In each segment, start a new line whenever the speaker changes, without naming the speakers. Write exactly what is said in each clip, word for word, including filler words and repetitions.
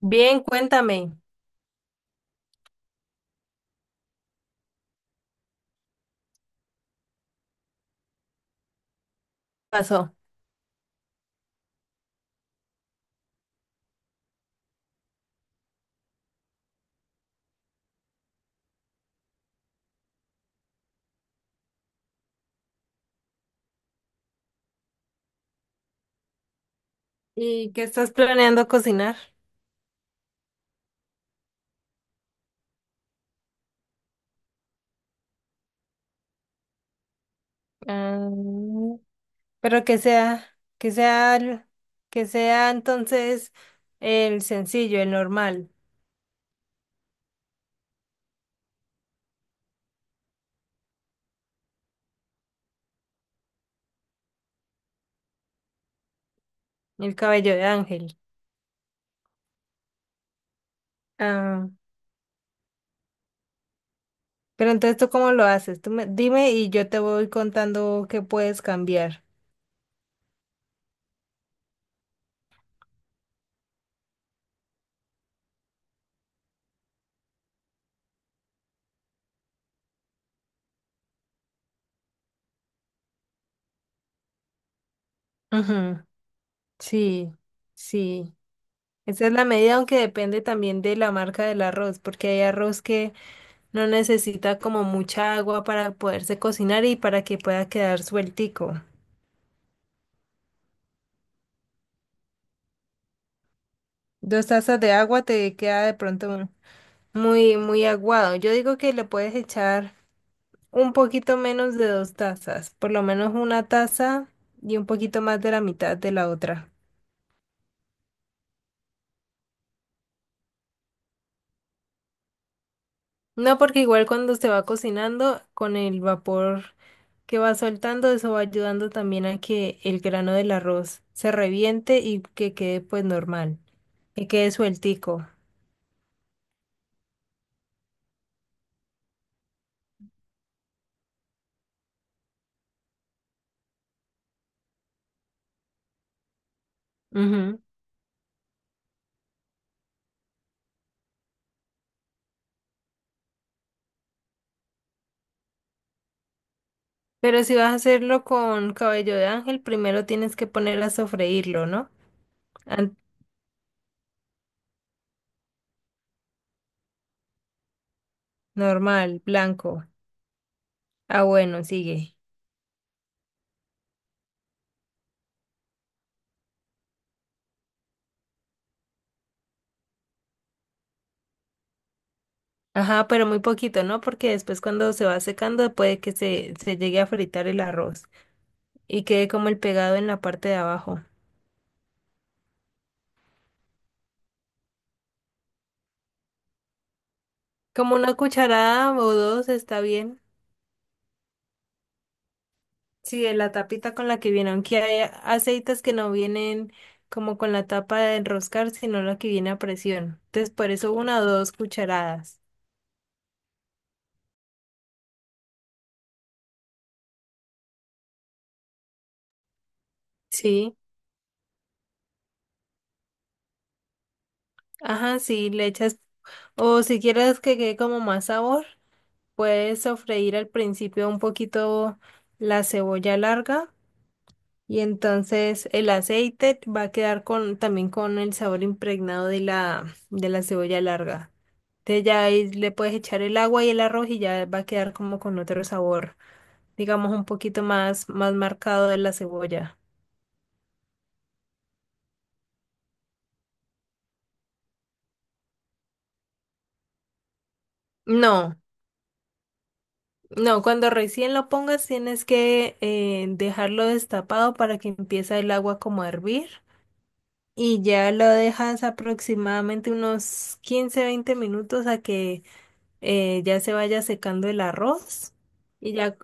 Bien, cuéntame, ¿qué pasó? ¿Y qué estás planeando cocinar? Ah, pero que sea, que sea, el- que sea entonces el sencillo, el normal, el cabello de ángel. Ah, pero entonces ¿tú cómo lo haces? Tú me, dime y yo te voy contando qué puedes cambiar. Ujú, sí, sí. Esa es la medida, aunque depende también de la marca del arroz, porque hay arroz que no necesita como mucha agua para poderse cocinar y para que pueda quedar sueltico. Dos tazas de agua te queda de pronto un- muy, muy aguado. Yo digo que le puedes echar un poquito menos de dos tazas, por lo menos una taza y un poquito más de la mitad de la otra. No, porque igual cuando se va cocinando, con el vapor que va soltando, eso va ayudando también a que el grano del arroz se reviente y que quede pues normal, que quede sueltico. Ujú. Pero si vas a hacerlo con cabello de ángel, primero tienes que poner a sofreírlo, ¿no? An- Normal, blanco. Ah, bueno, sigue. Ajá, pero muy poquito, ¿no? Porque después cuando se va secando puede que se, se llegue a fritar el arroz y quede como el pegado en la parte de abajo. Como una cucharada o dos está bien. Sí, de la tapita con la que viene, aunque hay aceites que no vienen como con la tapa de enroscar, sino la que viene a presión. Entonces, por eso una o dos cucharadas. Sí. Ajá, sí, le echas, o si quieres que quede como más sabor, puedes sofreír al principio un poquito la cebolla larga y entonces el aceite va a quedar con, también con el sabor impregnado de la, de la cebolla larga. Entonces ya ahí le puedes echar el agua y el arroz y ya va a quedar como con otro sabor, digamos un poquito más, más marcado de la cebolla. No. No, cuando recién lo pongas tienes que eh, dejarlo destapado para que empiece el agua como a hervir y ya lo dejas aproximadamente unos quince veinte minutos a que eh, ya se vaya secando el arroz y ya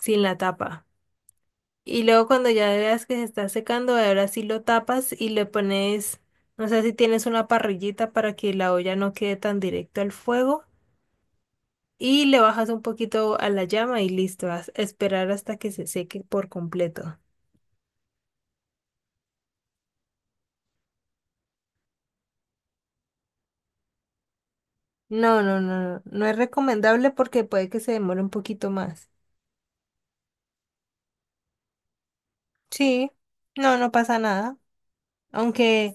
sin la tapa. Y luego cuando ya veas que se está secando, ahora sí lo tapas y le pones, no sé si tienes una parrillita para que la olla no quede tan directo al fuego. Y le bajas un poquito a la llama y listo, vas a esperar hasta que se seque por completo. No, no, no, no, no es recomendable porque puede que se demore un poquito más. Sí, no, no pasa nada. Aunque,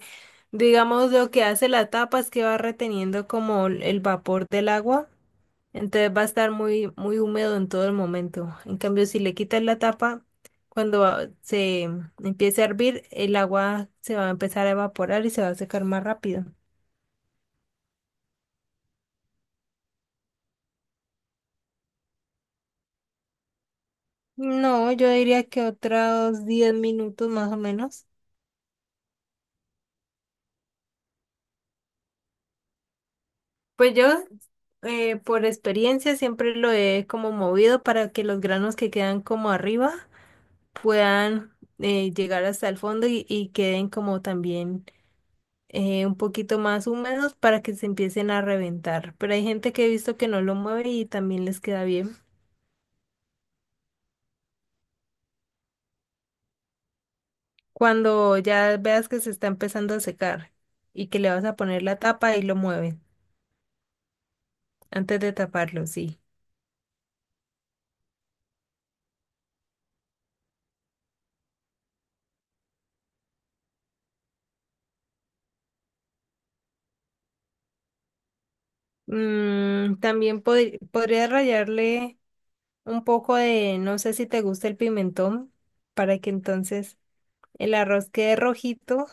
digamos, lo que hace la tapa es que va reteniendo como el el vapor del agua, entonces va a estar muy, muy húmedo en todo el momento. En cambio, si le quitas la tapa, cuando va- se empiece a hervir, el agua se va a empezar a evaporar y se va a secar más rápido. No, yo diría que otros diez minutos más o menos. Pues yo, eh, por experiencia, siempre lo he como movido para que los granos que quedan como arriba puedan eh, llegar hasta el fondo y, y queden como también eh, un poquito más húmedos para que se empiecen a reventar. Pero hay gente que he visto que no lo mueve y también les queda bien. Cuando ya veas que se está empezando a secar y que le vas a poner la tapa y lo mueven antes de taparlo, sí. Mm, también pod- podría rallarle un poco de, no sé si te gusta el pimentón, para que entonces el arroz quede rojito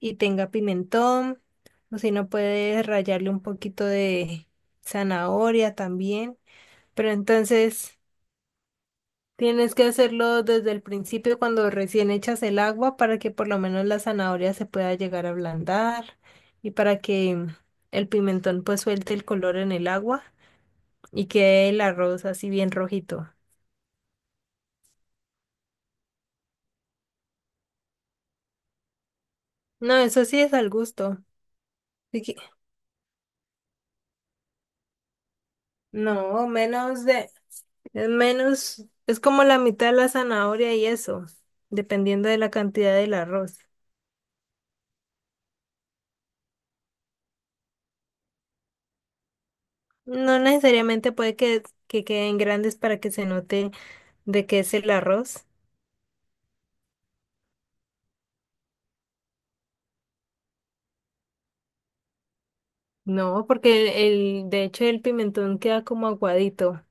y tenga pimentón, o si no puedes rallarle un poquito de zanahoria también, pero entonces tienes que hacerlo desde el principio cuando recién echas el agua para que por lo menos la zanahoria se pueda llegar a ablandar y para que el pimentón pues suelte el color en el agua y quede el arroz así bien rojito. No, eso sí es al gusto. Así que- No, menos de, es menos, es como la mitad de la zanahoria y eso, dependiendo de la cantidad del arroz. No necesariamente puede que, que queden grandes para que se note de qué es el arroz. No, porque el, el- de hecho el pimentón queda como aguadito.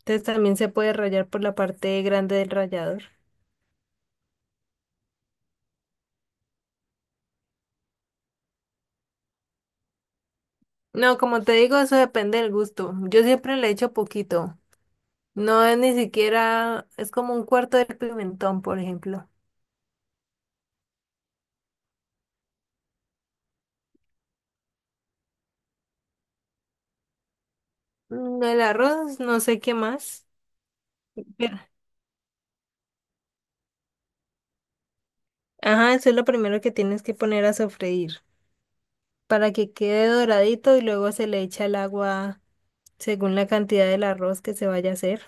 Entonces también se puede rallar por la parte grande del rallador. No, como te digo, eso depende del gusto. Yo siempre le echo poquito. No es ni siquiera, es como un cuarto del pimentón, por ejemplo. Mm, el arroz, no sé qué más. Pero- Ajá, eso es lo primero que tienes que poner a sofreír para que quede doradito y luego se le echa el agua según la cantidad del arroz que se vaya a hacer.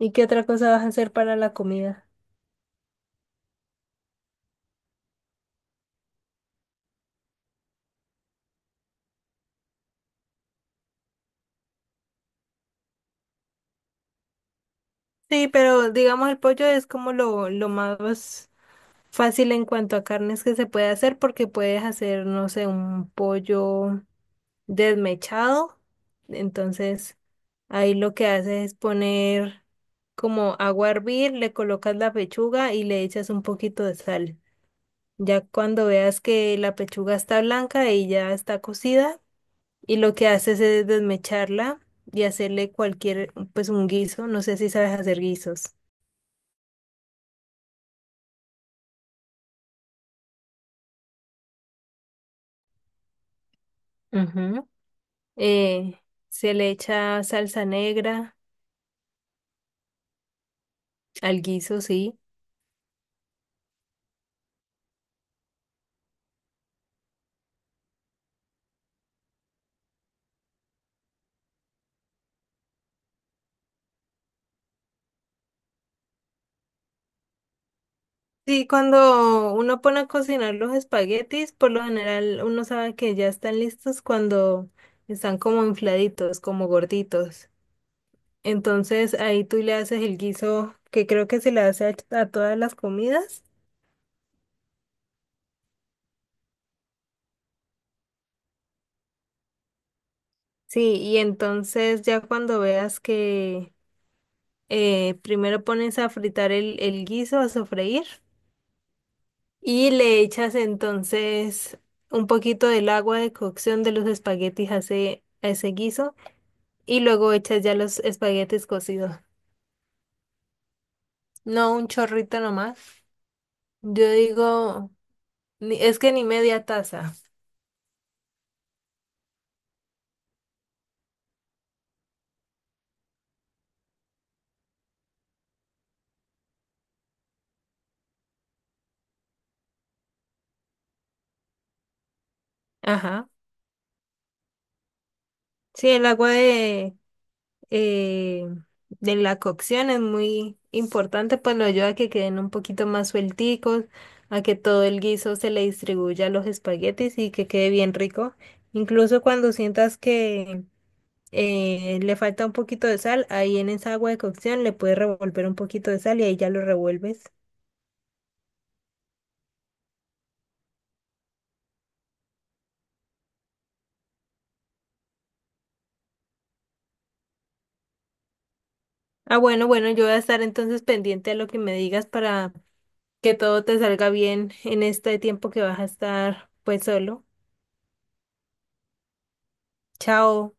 ¿Y qué otra cosa vas a hacer para la comida? Sí, pero digamos el pollo es como lo, lo más fácil en cuanto a carnes que se puede hacer porque puedes hacer, no sé, un pollo desmechado. Entonces, ahí lo que haces es poner como agua a hervir, le colocas la pechuga y le echas un poquito de sal. Ya cuando veas que la pechuga está blanca y ya está cocida, y lo que haces es desmecharla y hacerle cualquier, pues un guiso, no sé si sabes hacer guisos. Ujú. Eh, Se le echa salsa negra al guiso, sí. Sí, cuando uno pone a cocinar los espaguetis, por lo general uno sabe que ya están listos cuando están como infladitos, como gorditos. Entonces ahí tú le haces el guiso que creo que se le hace a, a todas las comidas. Sí, y entonces ya cuando veas que eh, primero pones a fritar el, el guiso, a sofreír, y le echas entonces un poquito del agua de cocción de los espaguetis a ese, a ese guiso y luego echas ya los espaguetis cocidos. No un chorrito nomás. Yo digo, ni- es que ni media taza. Ajá. Sí, el agua de, eh, de la cocción es muy importante, pues lo ayuda a que queden un poquito más suelticos, a que todo el guiso se le distribuya a los espaguetis y que quede bien rico. Incluso cuando sientas que eh, le falta un poquito de sal, ahí en esa agua de cocción le puedes revolver un poquito de sal y ahí ya lo revuelves. Ah, bueno, bueno, yo voy a estar entonces pendiente a lo que me digas para que todo te salga bien en este tiempo que vas a estar pues solo. Chao.